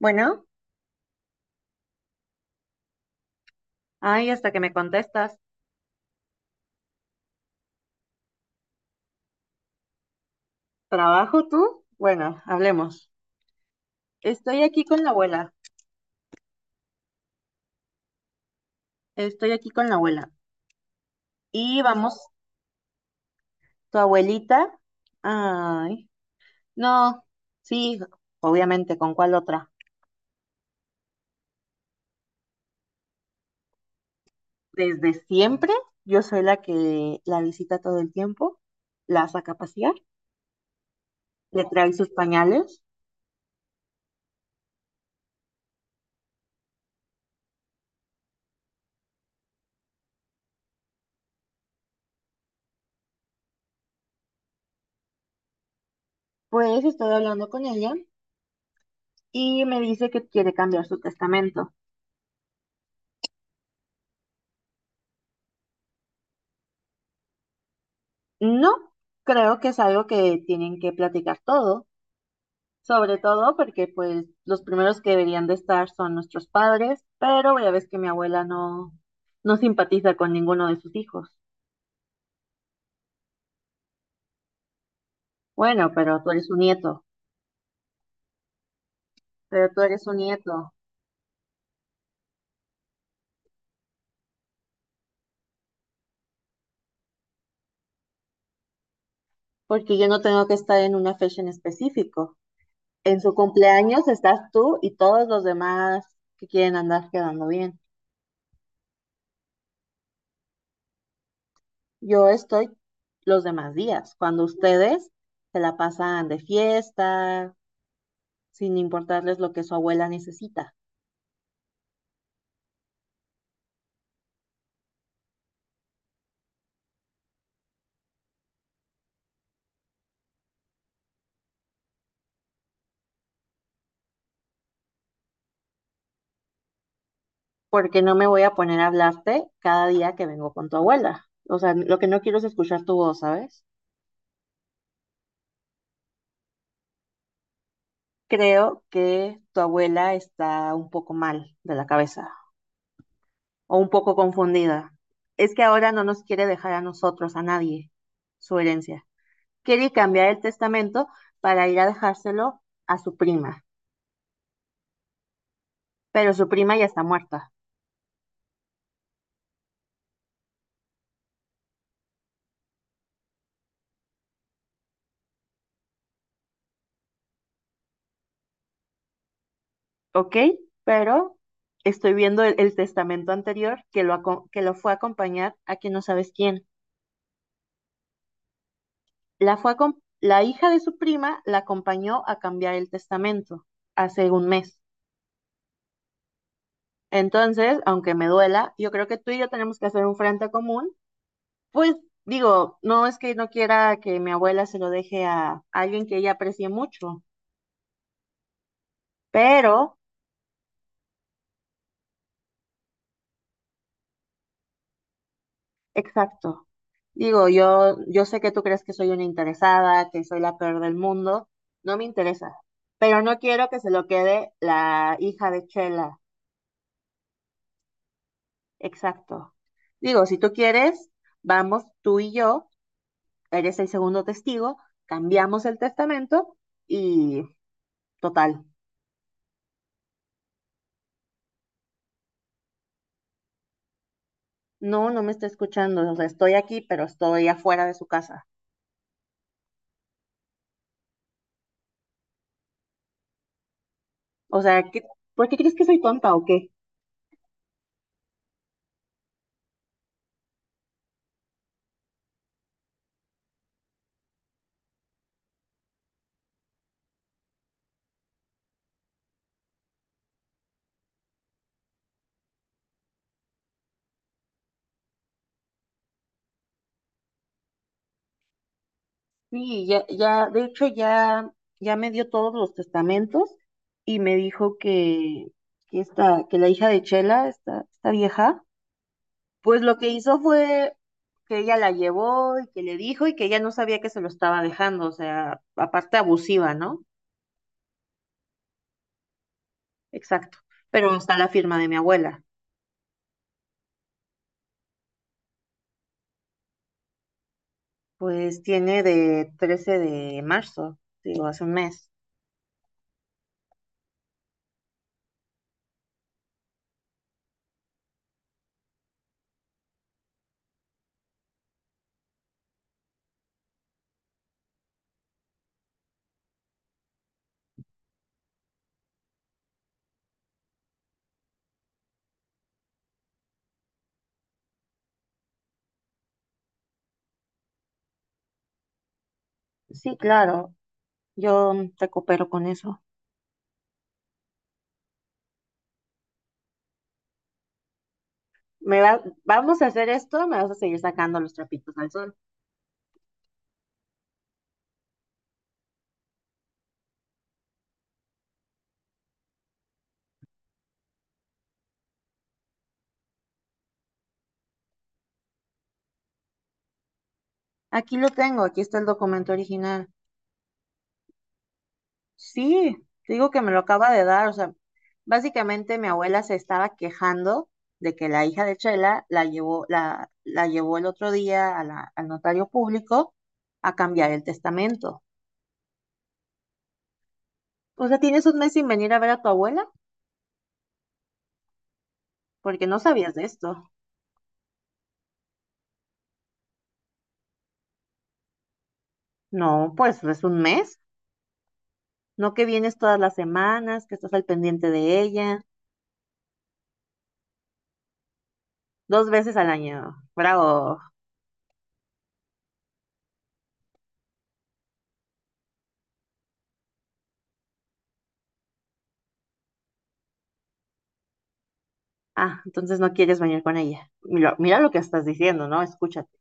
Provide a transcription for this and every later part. Bueno, ay, hasta que me contestas. ¿Trabajo tú? Bueno, hablemos. Estoy aquí con la abuela. Estoy aquí con la abuela. Y vamos, tu abuelita. Ay, no, sí, obviamente, ¿con cuál otra? Desde siempre, yo soy la que la visita todo el tiempo, la saca a pasear, le trae sus pañales. Pues estoy hablando con ella y me dice que quiere cambiar su testamento. No, creo que es algo que tienen que platicar todos. Sobre todo porque pues los primeros que deberían de estar son nuestros padres, pero ya ves que mi abuela no simpatiza con ninguno de sus hijos. Bueno, pero tú eres su nieto, pero tú eres su nieto, porque yo no tengo que estar en una fecha en específico. En su cumpleaños estás tú y todos los demás que quieren andar quedando bien. Yo estoy los demás días, cuando ustedes se la pasan de fiesta, sin importarles lo que su abuela necesita. Porque no me voy a poner a hablarte cada día que vengo con tu abuela. O sea, lo que no quiero es escuchar tu voz, ¿sabes? Creo que tu abuela está un poco mal de la cabeza o un poco confundida. Es que ahora no nos quiere dejar a nosotros, a nadie, su herencia. Quiere cambiar el testamento para ir a dejárselo a su prima, pero su prima ya está muerta, ¿ok? Pero estoy viendo el testamento anterior que lo fue a acompañar a quien no sabes quién. Fue a la hija de su prima la acompañó a cambiar el testamento hace un mes. Entonces, aunque me duela, yo creo que tú y yo tenemos que hacer un frente común. Pues digo, no es que no quiera que mi abuela se lo deje a alguien que ella aprecie mucho, pero, exacto. Digo, yo sé que tú crees que soy una interesada, que soy la peor del mundo, no me interesa, pero no quiero que se lo quede la hija de Chela. Exacto. Digo, si tú quieres, vamos tú y yo, eres el segundo testigo, cambiamos el testamento y total. No, no me está escuchando, o sea, estoy aquí, pero estoy afuera de su casa. O sea, ¿por qué crees que soy tonta o qué? Sí, ya, ya, de hecho ya, ya me dio todos los testamentos y me dijo que la hija de Chela, esta vieja, pues lo que hizo fue que ella la llevó y que le dijo y que ella no sabía que se lo estaba dejando, o sea, aparte abusiva, ¿no? Exacto. Pero está la firma de mi abuela. Pues tiene de 13 de marzo, digo, hace un mes. Sí, claro, yo te coopero con eso. Vamos a hacer esto, me vas a seguir sacando los trapitos al sol. Aquí lo tengo, aquí está el documento original. Sí, te digo que me lo acaba de dar, o sea, básicamente mi abuela se estaba quejando de que la hija de Chela la llevó, la llevó el otro día a al notario público a cambiar el testamento. O sea, ¿tienes un mes sin venir a ver a tu abuela? Porque no sabías de esto. No, pues es un mes. No que vienes todas las semanas, que estás al pendiente de ella, dos veces al año. Bravo. Ah, entonces no quieres venir con ella. Mira, mira lo que estás diciendo, ¿no? Escúchate.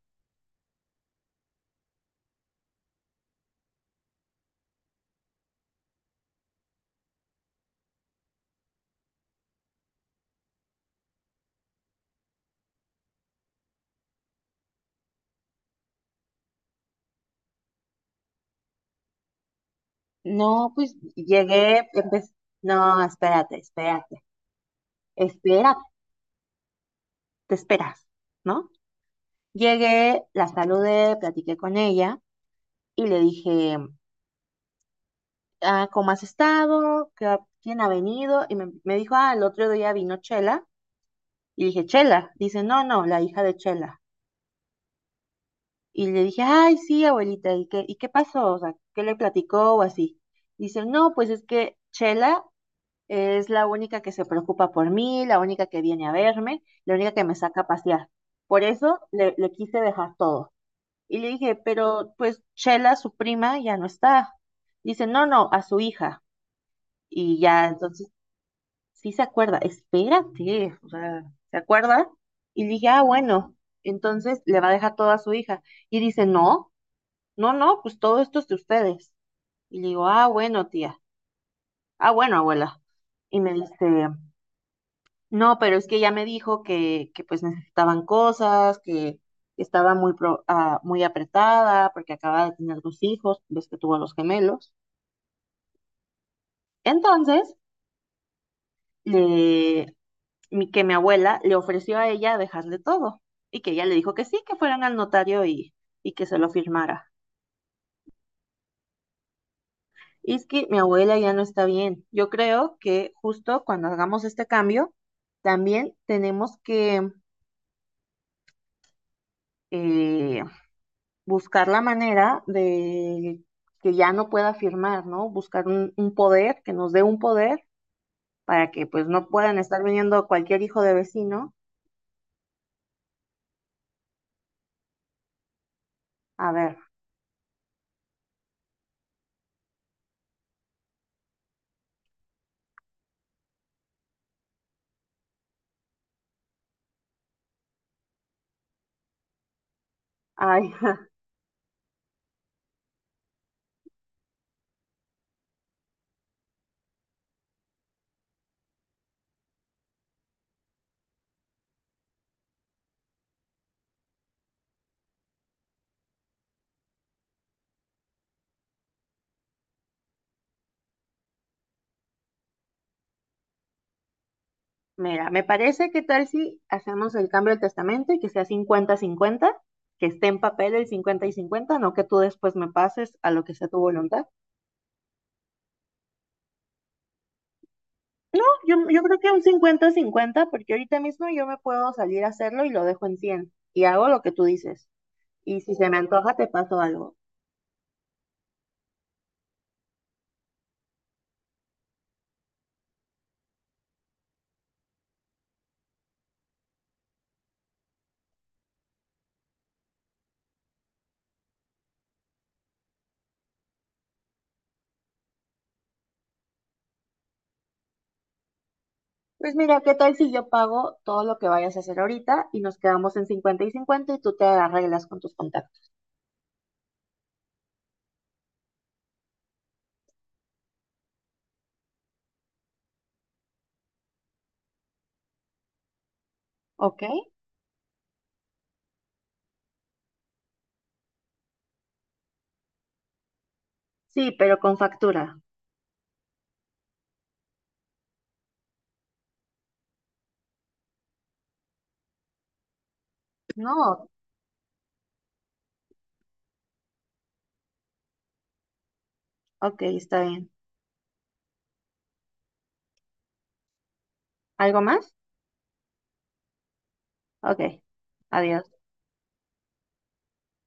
No, pues llegué, empecé, no, espérate, espérate, espérate, te esperas, ¿no? Llegué, la saludé, platiqué con ella y le dije, ah, ¿cómo has estado? ¿Qué ¿Quién ha venido? Y me dijo, ah, el otro día vino Chela. Y dije, Chela. Dice, no, no, la hija de Chela. Y le dije, ay, sí, abuelita, ¿y qué pasó? O sea, ¿qué le platicó o así? Dice, no, pues es que Chela es la única que se preocupa por mí, la única que viene a verme, la única que me saca a pasear. Por eso le quise dejar todo. Y le dije, pero pues Chela, su prima, ya no está. Dice, no, no, a su hija. Y ya, entonces, sí se acuerda, espérate, o sea, ¿se acuerda? Y le dije, ah, bueno, entonces le va a dejar todo a su hija. Y dice, no, no, no, pues todo esto es de ustedes. Y le digo, ah, bueno, tía, ah, bueno, abuela. Y me dice, no, pero es que ya me dijo que pues necesitaban cosas, que estaba muy apretada porque acaba de tener dos hijos, ves que tuvo a los gemelos. Entonces, le- que mi abuela le ofreció a ella dejarle todo y que ella le dijo que sí, que fueran al notario y que se lo firmara. Y es que mi abuela ya no está bien. Yo creo que justo cuando hagamos este cambio, también tenemos que eh, buscar la manera de que ya no pueda firmar, ¿no? Buscar un poder, que nos dé un poder para que pues no puedan estar viniendo cualquier hijo de vecino. A ver, ay, mira, me parece que tal si hacemos el cambio del testamento y que sea 50-50, que esté en papel el 50 y 50, no que tú después me pases a lo que sea tu voluntad. No, yo creo que un 50-50 porque ahorita mismo yo me puedo salir a hacerlo y lo dejo en 100 y hago lo que tú dices. Y si se me antoja, te paso algo. Pues mira, ¿qué tal si yo pago todo lo que vayas a hacer ahorita y nos quedamos en 50 y 50 y tú te arreglas con tus contactos? ¿Ok? Sí, pero con factura. No, ok, está bien. ¿Algo más? Ok, adiós.